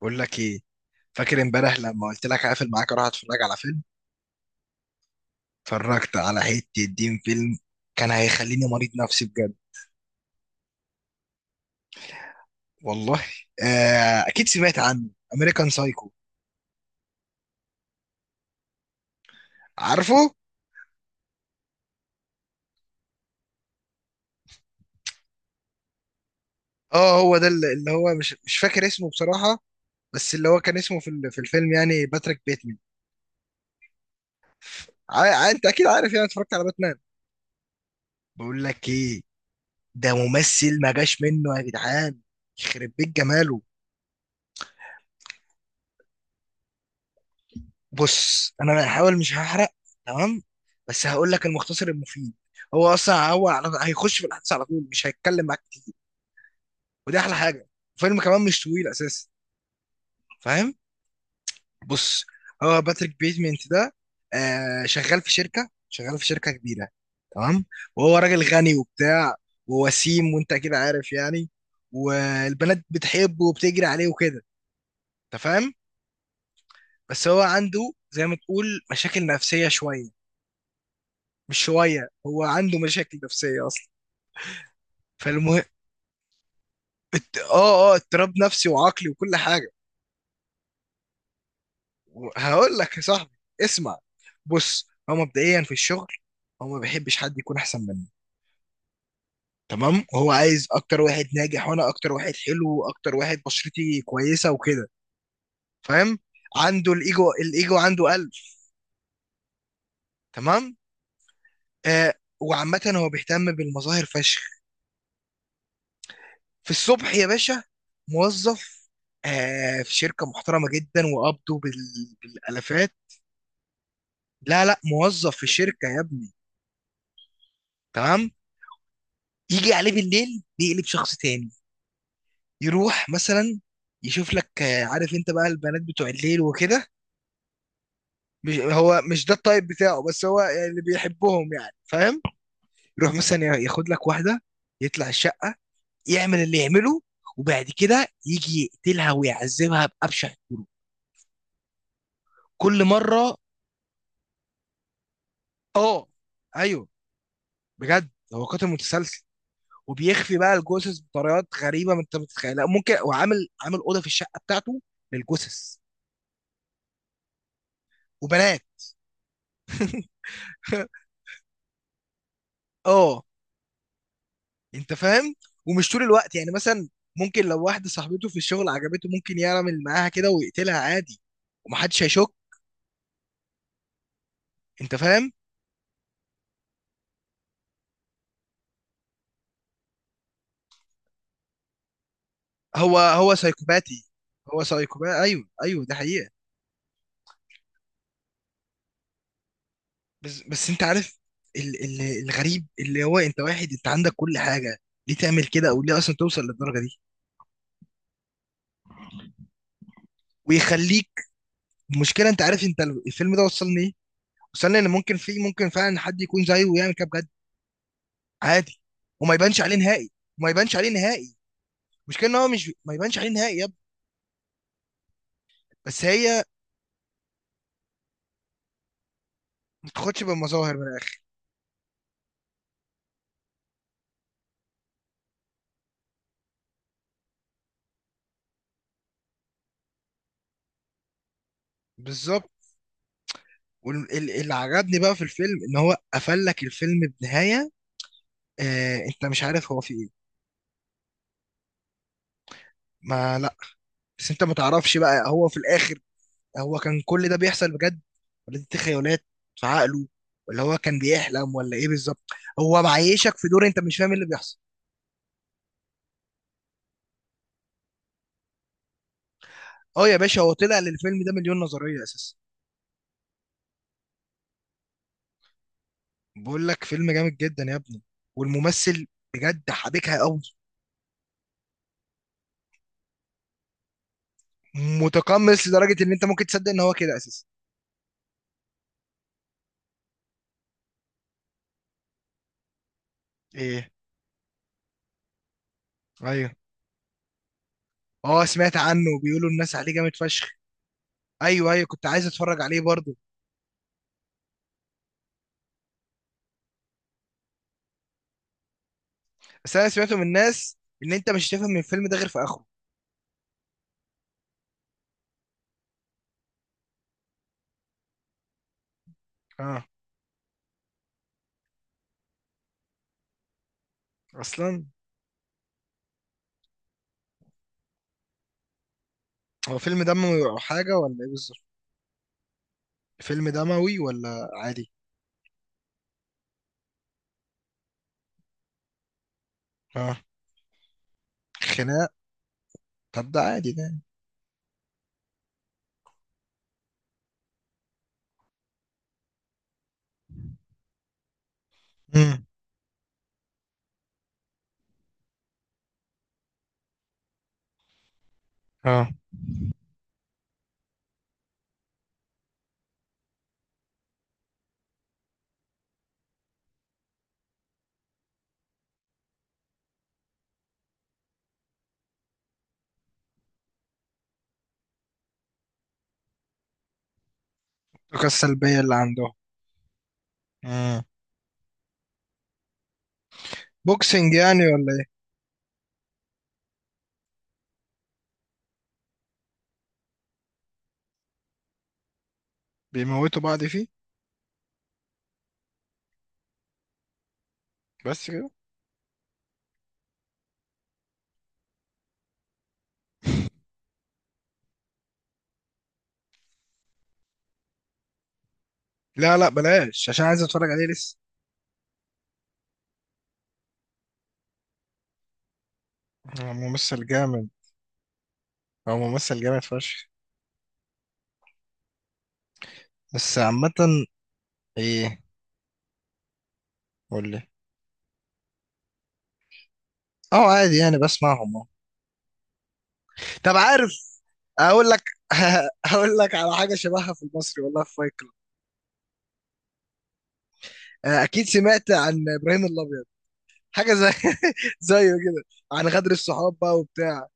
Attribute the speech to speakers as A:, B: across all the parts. A: بقول لك ايه؟ فاكر امبارح لما قلت لك هقفل معاك اروح اتفرج على فيلم؟ اتفرجت على حته دين فيلم. كان هيخليني مريض نفسي بجد. والله، آه اكيد سمعت عنه، امريكان سايكو. عارفه؟ اه هو ده، اللي هو مش فاكر اسمه بصراحه. بس اللي هو كان اسمه في الفيلم يعني باتريك بيتمان. انت اكيد عارف، يعني اتفرجت على باتمان. بقول لك ايه، ده ممثل ما جاش منه يا جدعان، يخرب بيت جماله. بص، انا هحاول مش هحرق. تمام؟ بس هقول لك المختصر المفيد. هو اصلا هو هيخش في الاحداث على طول، مش هيتكلم معاك كتير، ودي احلى حاجه. الفيلم كمان مش طويل اساسا، فاهم؟ بص، هو باتريك بيتمنت ده، آه، شغال في شركه، شغال في شركه كبيره. تمام؟ وهو راجل غني وبتاع، ووسيم، وانت كده عارف يعني. والبنات بتحبه وبتجري عليه وكده، انت فاهم. بس هو عنده، زي ما تقول، مشاكل نفسيه شويه. مش شوية، هو عنده مشاكل نفسية أصلا. فالمهم، آه آه، اضطراب نفسي وعقلي وكل حاجة. هقول لك يا صاحبي، اسمع. بص، هو مبدئيا في الشغل، هو ما بيحبش حد يكون أحسن منه. تمام؟ هو عايز أكتر واحد ناجح، وأنا أكتر واحد حلو، وأكتر واحد بشرتي كويسة وكده، فاهم؟ عنده الإيجو، الإيجو عنده قلب. تمام؟ آه. وعامة هو بيهتم بالمظاهر فشخ. في الصبح يا باشا موظف، آه، في شركة محترمة جدا، وقبضه بالآلافات. لا لا، موظف في شركة يا ابني. تمام؟ يجي عليه بالليل يقلب شخص تاني. يروح مثلا يشوف لك، آه، عارف انت بقى البنات بتوع الليل وكده. مش هو مش ده الطيب بتاعه، بس هو يعني اللي بيحبهم يعني، فاهم؟ يروح مثلا ياخد لك واحدة، يطلع الشقة، يعمل اللي يعمله، وبعد كده يجي يقتلها ويعذبها بأبشع الطرق، كل مرة. اه، ايوه، بجد هو قاتل متسلسل. وبيخفي بقى الجثث بطريقات غريبه، ما انت متتخيلها. ممكن، وعامل عامل اوضه في الشقه بتاعته للجثث وبنات. اه انت فاهم. ومش طول الوقت يعني، مثلا ممكن لو واحده صاحبته في الشغل عجبته، ممكن يعمل معاها كده ويقتلها عادي، ومحدش هيشك، انت فاهم. هو سايكوباتي، هو سايكوباتي، ايوه ايوه، ده حقيقه. بس بس انت عارف، ال الغريب، اللي هو انت واحد انت عندك كل حاجه، ليه تعمل كده؟ او ليه اصلا توصل للدرجه دي؟ ويخليك، المشكله انت عارف انت، الفيلم ده وصلني ايه؟ وصلني ان ممكن ممكن فعلا حد يكون زيه ويعمل كده بجد، عادي، وما يبانش عليه نهائي. وما يبانش عليه نهائي. المشكله ان هو مش ما يبانش عليه نهائي يا ابني. بس هي ما بتاخدش بالمظاهر من الاخر. بالظبط. واللي عجبني بقى في الفيلم ان هو قفل لك الفيلم بنهايه، آه، انت مش عارف هو في ايه. ما لا، بس انت ما تعرفش بقى هو في الاخر، هو كان كل ده بيحصل بجد، ولا دي تخيلات في عقله، ولا هو كان بيحلم ولا ايه بالظبط. هو معيشك في دور انت مش فاهم إيه اللي بيحصل. اه يا باشا، هو طلع للفيلم ده مليون نظريه اساسا. بقول لك فيلم جامد جدا يا ابني. والممثل بجد حبكها قوي. متقمص لدرجه ان انت ممكن تصدق ان هو كده اساسا. ايه؟ ايوه. اه سمعت عنه، بيقولوا الناس عليه جامد فشخ. ايوه ايوه، كنت عايز اتفرج عليه برضه. بس انا سمعته من الناس ان انت مش هتفهم من الفيلم ده غير في اخره. اه. اصلا هو فيلم دموي او حاجه، ولا ايه بالظبط؟ فيلم دموي ولا عادي؟ اه، خناق. طب ده عادي ده. امم. اه، الطاقه السلبيه اللي عندهم. بوكسنج يعني، ولا ايه؟ بيموتوا بعض فيه؟ بس كده؟ لا لا، بلاش، عشان عايز اتفرج عليه لسه. هو ممثل جامد. هو ممثل جامد فشخ. بس عامة. ايه؟ قول لي. اه عادي يعني، بسمعهم اه. طب عارف اقول لك هقول لك على حاجة شبهها في المصري، والله، في فايت كلاب. اكيد سمعت عن ابراهيم الابيض. حاجة زي، زيه كده، عن غدر الصحاب بقى وبتاع.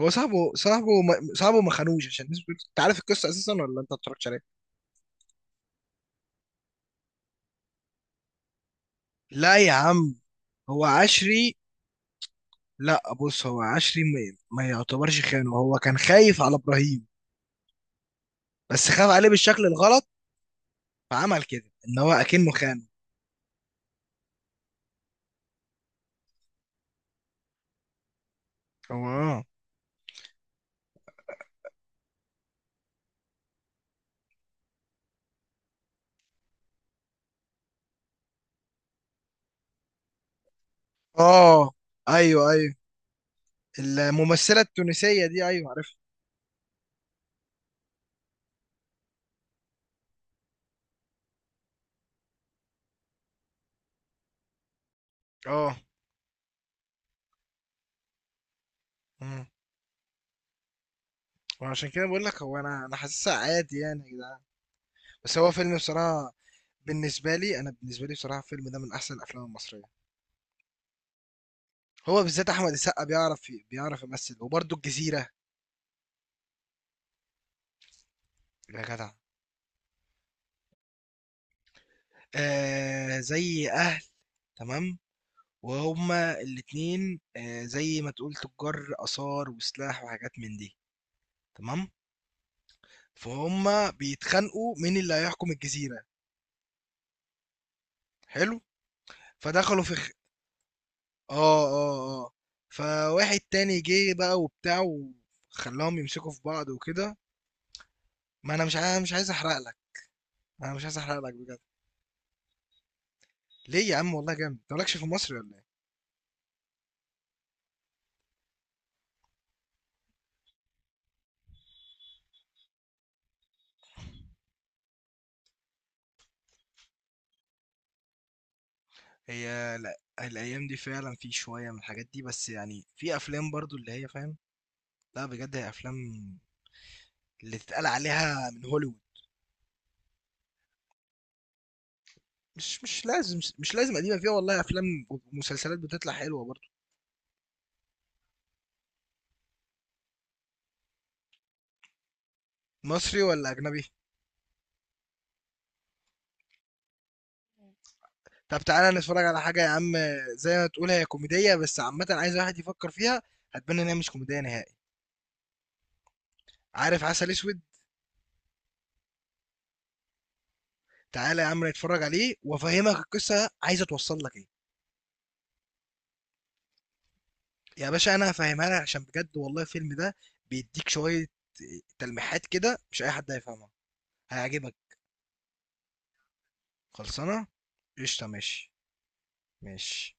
A: هو صاحبه، صاحبه ما خانوش، عشان الناس بتقول، انت عارف القصة اساسا ولا انت ما اتفرجتش عليها؟ لا يا عم، هو عشري. لا بص، هو عشري ما يعتبرش خانه. هو كان خايف على ابراهيم، بس خاف عليه بالشكل الغلط، فعمل كده ان هو اكنه خانه. هو اه. اه. ايوه ايوه. الممثله التونسيه دي، ايوه عارفها. اه. مم. وعشان كده بقول لك هو، انا حاسسها عادي يعني يا جدعان. بس هو فيلم بصراحه. بالنسبه لي بصراحه، الفيلم ده من احسن الافلام المصريه. هو بالذات احمد السقا بيعرف بيعرف يمثل. وبرده الجزيره، يا جدع. آه زي اهل. تمام. وهما الاتنين، آه، زي ما تقول تجار آثار وسلاح وحاجات من دي. تمام. فهم بيتخانقوا مين اللي هيحكم الجزيرة. حلو. فدخلوا في اه اه. اه. فواحد تاني جه بقى وبتاع، وخلاهم يمسكوا في بعض وكده. ما انا مش عايز احرق لك. انا مش عايز احرق لك بجد. ليه يا عم، والله جامد، انت مالكش في مصر ولا ايه؟ هي لا، الايام دي فعلا في شوية من الحاجات دي، بس يعني في افلام برضو اللي هي فاهم. لا بجد، هي افلام اللي تتقال عليها من هوليوود. مش لازم قديمه، فيها والله افلام ومسلسلات بتطلع حلوه برضه. مصري ولا اجنبي؟ طب تعالى نتفرج على حاجه يا عم، زي ما تقول هي كوميديه، بس عامه عايز واحد يفكر فيها. هتبان ان هي مش كوميديه نهائي. عارف عسل اسود؟ تعالى يا عم نتفرج عليه، وافهمك القصه عايزه توصل لك ايه. يا باشا انا هفهمها لك، عشان بجد والله الفيلم ده بيديك شويه تلميحات كده مش اي حد هيفهمها. هيعجبك. خلصانه. قشطه، ماشي. ماشي.